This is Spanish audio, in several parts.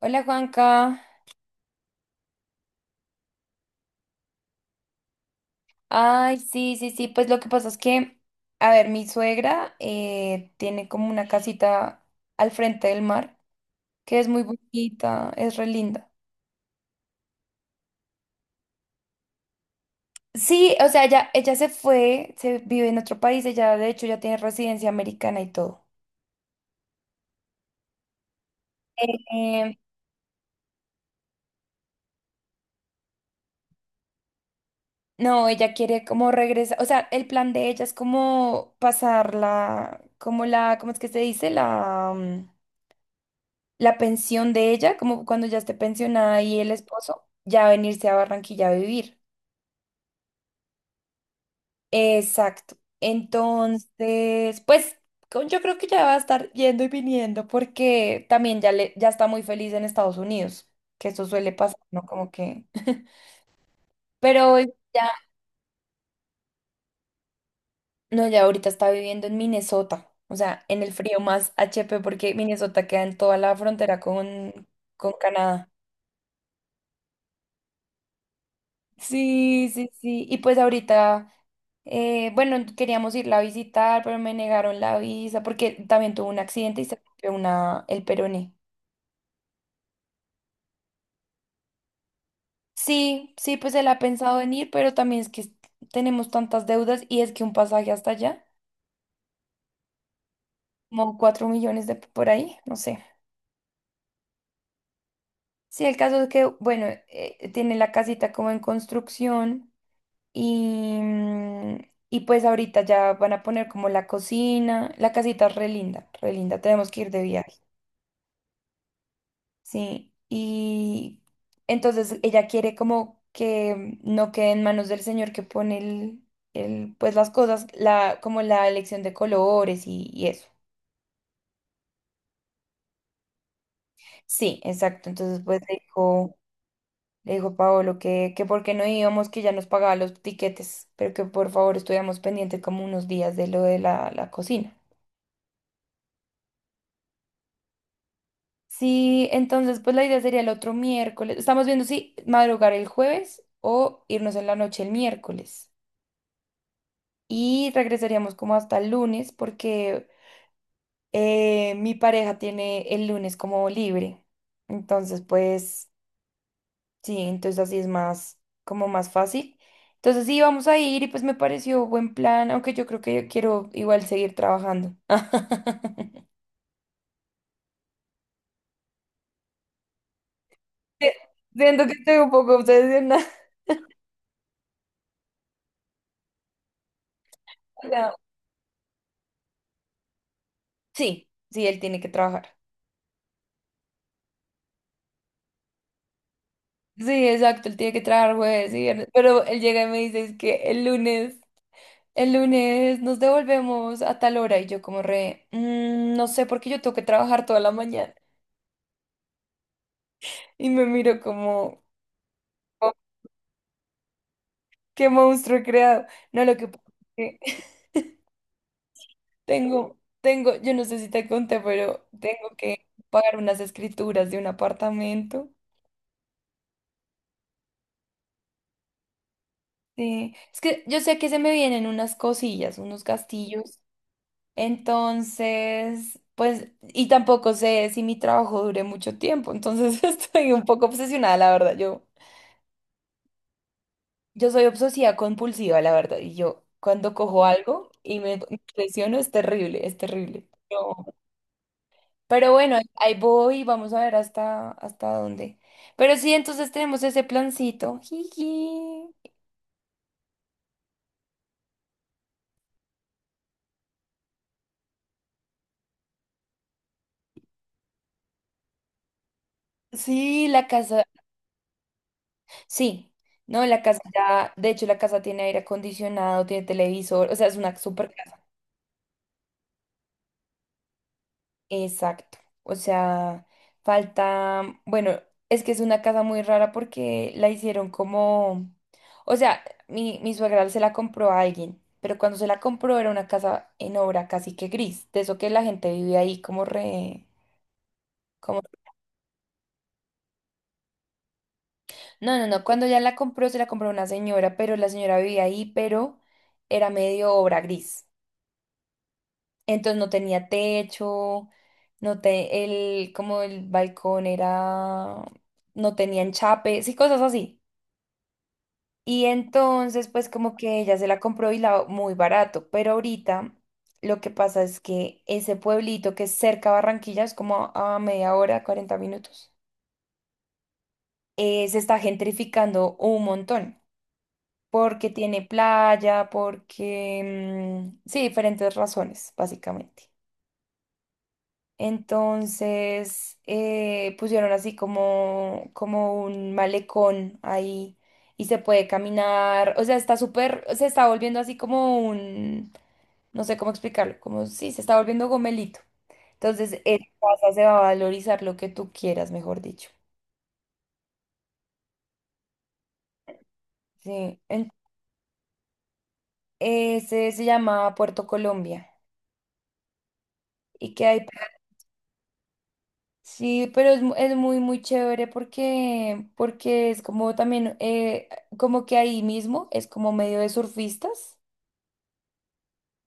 Hola Juanca. Ay, sí, sí, sí. Pues lo que pasa es que, a ver, mi suegra tiene como una casita al frente del mar, que es muy bonita, es re linda. Sí, o sea, ella se fue, se vive en otro país, ella de hecho ya tiene residencia americana y todo. Eh, no, ella quiere como regresar, o sea, el plan de ella es como pasarla, como la, ¿cómo es que se dice? La pensión de ella, como cuando ya esté pensionada y el esposo, ya venirse a Barranquilla a vivir. Exacto. Entonces, pues yo creo que ya va a estar yendo y viniendo porque también ya, ya está muy feliz en Estados Unidos, que eso suele pasar, ¿no? Como que... Pero ya, no, ya ahorita está viviendo en Minnesota, o sea, en el frío más HP porque Minnesota queda en toda la frontera con Canadá. Sí, sí, sí. Y pues ahorita, bueno, queríamos irla a visitar, pero me negaron la visa porque también tuvo un accidente y se rompió el peroné. Sí, sí, pues él ha pensado en ir, pero también es que tenemos tantas deudas y es que un pasaje hasta allá, como cuatro millones de por ahí, no sé. Sí, el caso es que, bueno, tiene la casita como en construcción y, mm, y pues ahorita ya van a poner como la cocina, la casita es re linda, tenemos que ir de viaje. Sí, y entonces ella quiere como que no quede en manos del señor que pone el, pues las cosas, la, como la elección de colores y eso. Sí, exacto. Entonces pues le dijo Paolo que por qué no íbamos, que ya nos pagaba los tiquetes, pero que por favor estuviéramos pendientes como unos días de lo de la cocina. Sí, entonces pues la idea sería el otro miércoles. Estamos viendo si madrugar el jueves o irnos en la noche el miércoles. Y regresaríamos como hasta el lunes porque mi pareja tiene el lunes como libre. Entonces, pues sí, entonces así es más, como más fácil. Entonces sí, vamos a ir y pues me pareció buen plan, aunque yo creo que yo quiero igual seguir trabajando. Sí, siento que estoy un poco obsesionada. O sea, sí, sí, él tiene que trabajar. Sí, exacto, él tiene que trabajar jueves y viernes, pero él llega y me dice es que el lunes el lunes nos devolvemos a tal hora y yo como re, "Mm, no sé porque yo tengo que trabajar toda la mañana." Y me miro como, "Oh, qué monstruo he creado." No, lo que pasa es que tengo, yo no sé si te conté, pero tengo que pagar unas escrituras de un apartamento. Sí, es que yo sé que se me vienen unas cosillas, unos castillos. Entonces, pues, y tampoco sé si mi trabajo dure mucho tiempo. Entonces estoy un poco obsesionada, la verdad, yo. Yo soy obsesiva compulsiva, la verdad, y yo cuando cojo algo y me impresiono es terrible, es terrible. Pero bueno, ahí voy, vamos a ver hasta dónde. Pero sí, entonces tenemos ese plancito. Jiji. Sí, la casa, sí, no, la casa ya, de hecho la casa tiene aire acondicionado, tiene televisor, o sea, es una super... Exacto. O sea, falta, bueno, es que es una casa muy rara porque la hicieron como, o sea, mi suegra se la compró a alguien, pero cuando se la compró era una casa en obra casi que gris, de eso que la gente vivía ahí como re, como... No, no, no, cuando ya la compró se la compró una señora, pero la señora vivía ahí, pero era medio obra gris. Entonces no tenía techo, no te, como el balcón era, no tenía enchape, sí, cosas así. Y entonces, pues como que ella se la compró y la muy barato, pero ahorita lo que pasa es que ese pueblito que es cerca a Barranquilla, es como a media hora, 40 minutos, se está gentrificando un montón, porque tiene playa, porque, sí, diferentes razones, básicamente. Entonces pusieron así como un malecón ahí y se puede caminar. O sea, está súper, se está volviendo así como un, no sé cómo explicarlo, como sí, se está volviendo gomelito. Entonces, esa casa se va a valorizar lo que tú quieras, mejor dicho. Sí, ese se llama Puerto Colombia y que hay... Sí, pero es, es muy, muy chévere porque, porque es como también, como que ahí mismo es como medio de surfistas.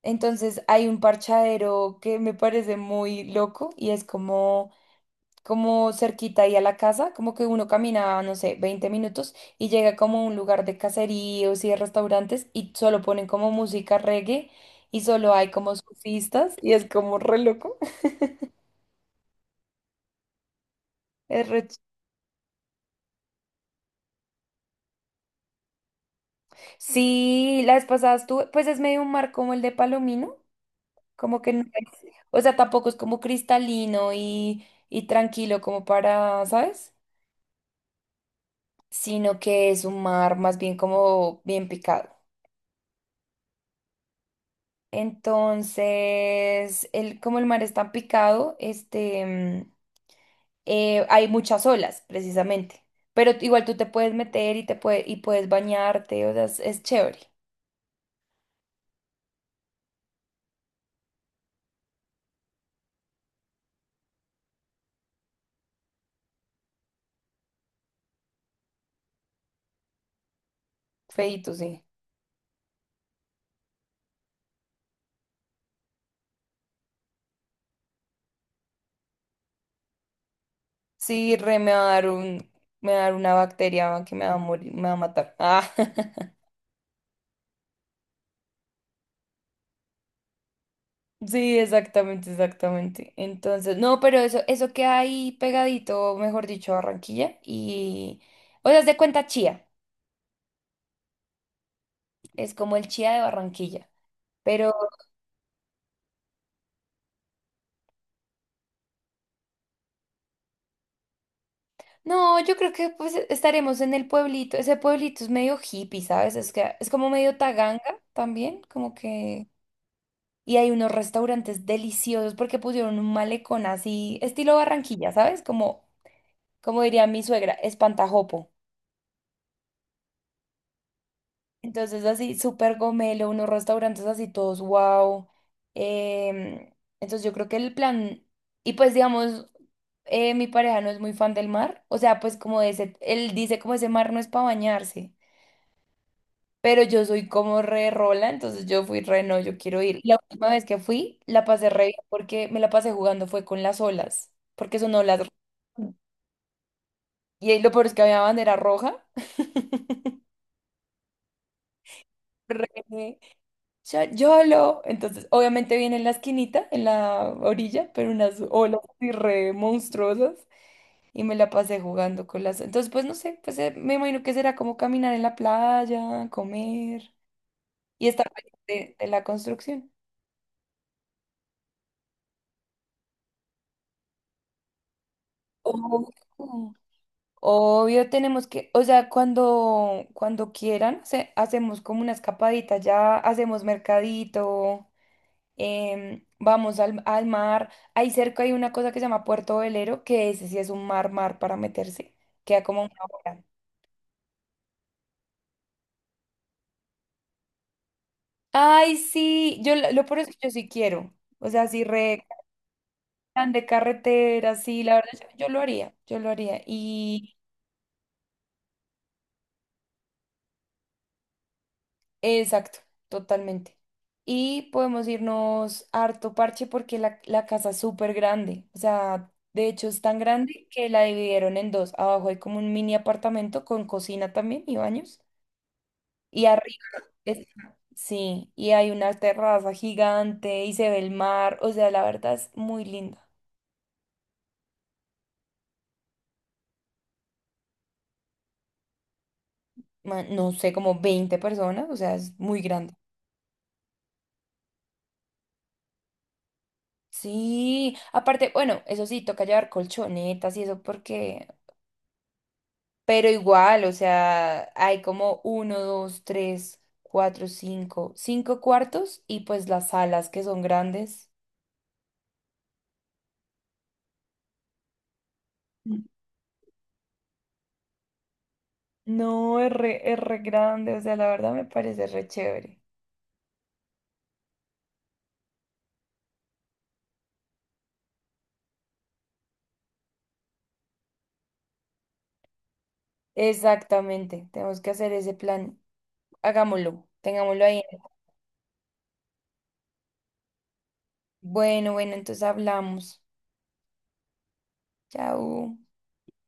Entonces hay un parchadero que me parece muy loco y es como, como cerquita ahí a la casa, como que uno camina, no sé, 20 minutos y llega como a un lugar de caseríos y de restaurantes y solo ponen como música reggae y solo hay como surfistas y es como re loco. Es re... Sí, la vez pasada estuve, pues es medio un mar como el de Palomino, como que no es, o sea, tampoco es como cristalino y tranquilo como para, ¿sabes? Sino que es un mar más bien como bien picado. Entonces, como el mar es tan picado, este, hay muchas olas, precisamente. Pero igual tú te puedes meter y y puedes bañarte, o sea, es chévere. Feíto, sí. Sí, re me va a dar un, me va a dar una bacteria que me va a morir, me va a matar. Ah, sí, exactamente, exactamente. Entonces, no, pero eso queda ahí pegadito, mejor dicho, a Barranquilla. Y, o sea, se cuenta chía. Es como el chía de Barranquilla. Pero no, yo creo que pues estaremos en el pueblito. Ese pueblito es medio hippie, ¿sabes? Es que es como medio taganga también, como que... Y hay unos restaurantes deliciosos porque pusieron un malecón así, estilo Barranquilla, ¿sabes? Como diría mi suegra, espantajopo. Entonces así, súper gomelo, unos restaurantes así todos wow. Em, entonces yo creo que el plan, y pues digamos, mi pareja no es muy fan del mar, o sea, pues como de ese, él dice como ese mar no es para bañarse, pero yo soy como re rola, entonces yo fui re no, yo quiero ir. La última vez que fui, la pasé re bien porque me la pasé jugando fue con las olas, porque son olas, y ahí lo peor es que había bandera roja. Re ya- YOLO. Entonces, obviamente viene en la esquinita, en la orilla, pero unas olas así re monstruosas. Y me la pasé jugando con las... Entonces, pues no sé, pues me imagino que será como caminar en la playa, comer y estar pendiente de la construcción. Ojo. Obvio, tenemos que, o sea, cuando quieran, hacemos como una escapadita, ya hacemos mercadito, vamos al mar. Ahí cerca hay una cosa que se llama Puerto Velero, que ese sí es un mar, mar para meterse. Queda como una hora. Ay, sí, lo peor es que yo sí quiero. O sea, sí, re plan de carretera, sí, la verdad, yo lo haría, yo lo haría. Y exacto, totalmente. Y podemos irnos harto parche porque la casa es súper grande. O sea, de hecho es tan grande que la dividieron en dos. Abajo hay como un mini apartamento con cocina también y baños. Y arriba, es- sí, y hay una terraza gigante y se ve el mar. O sea, la verdad es muy linda. Ma- No sé, como 20 personas, o sea, es muy grande. Sí, aparte, bueno, eso sí, toca llevar colchonetas y eso porque, pero igual, o sea, hay como uno, dos, tres, cuatro, cinco, cinco cuartos y pues las salas que son grandes. Mm. No, es re grande, o sea, la verdad me parece re chévere. Exactamente, tenemos que hacer ese plan. Hagámoslo, tengámoslo ahí. Bueno, bueno, entonces hablamos. Chao.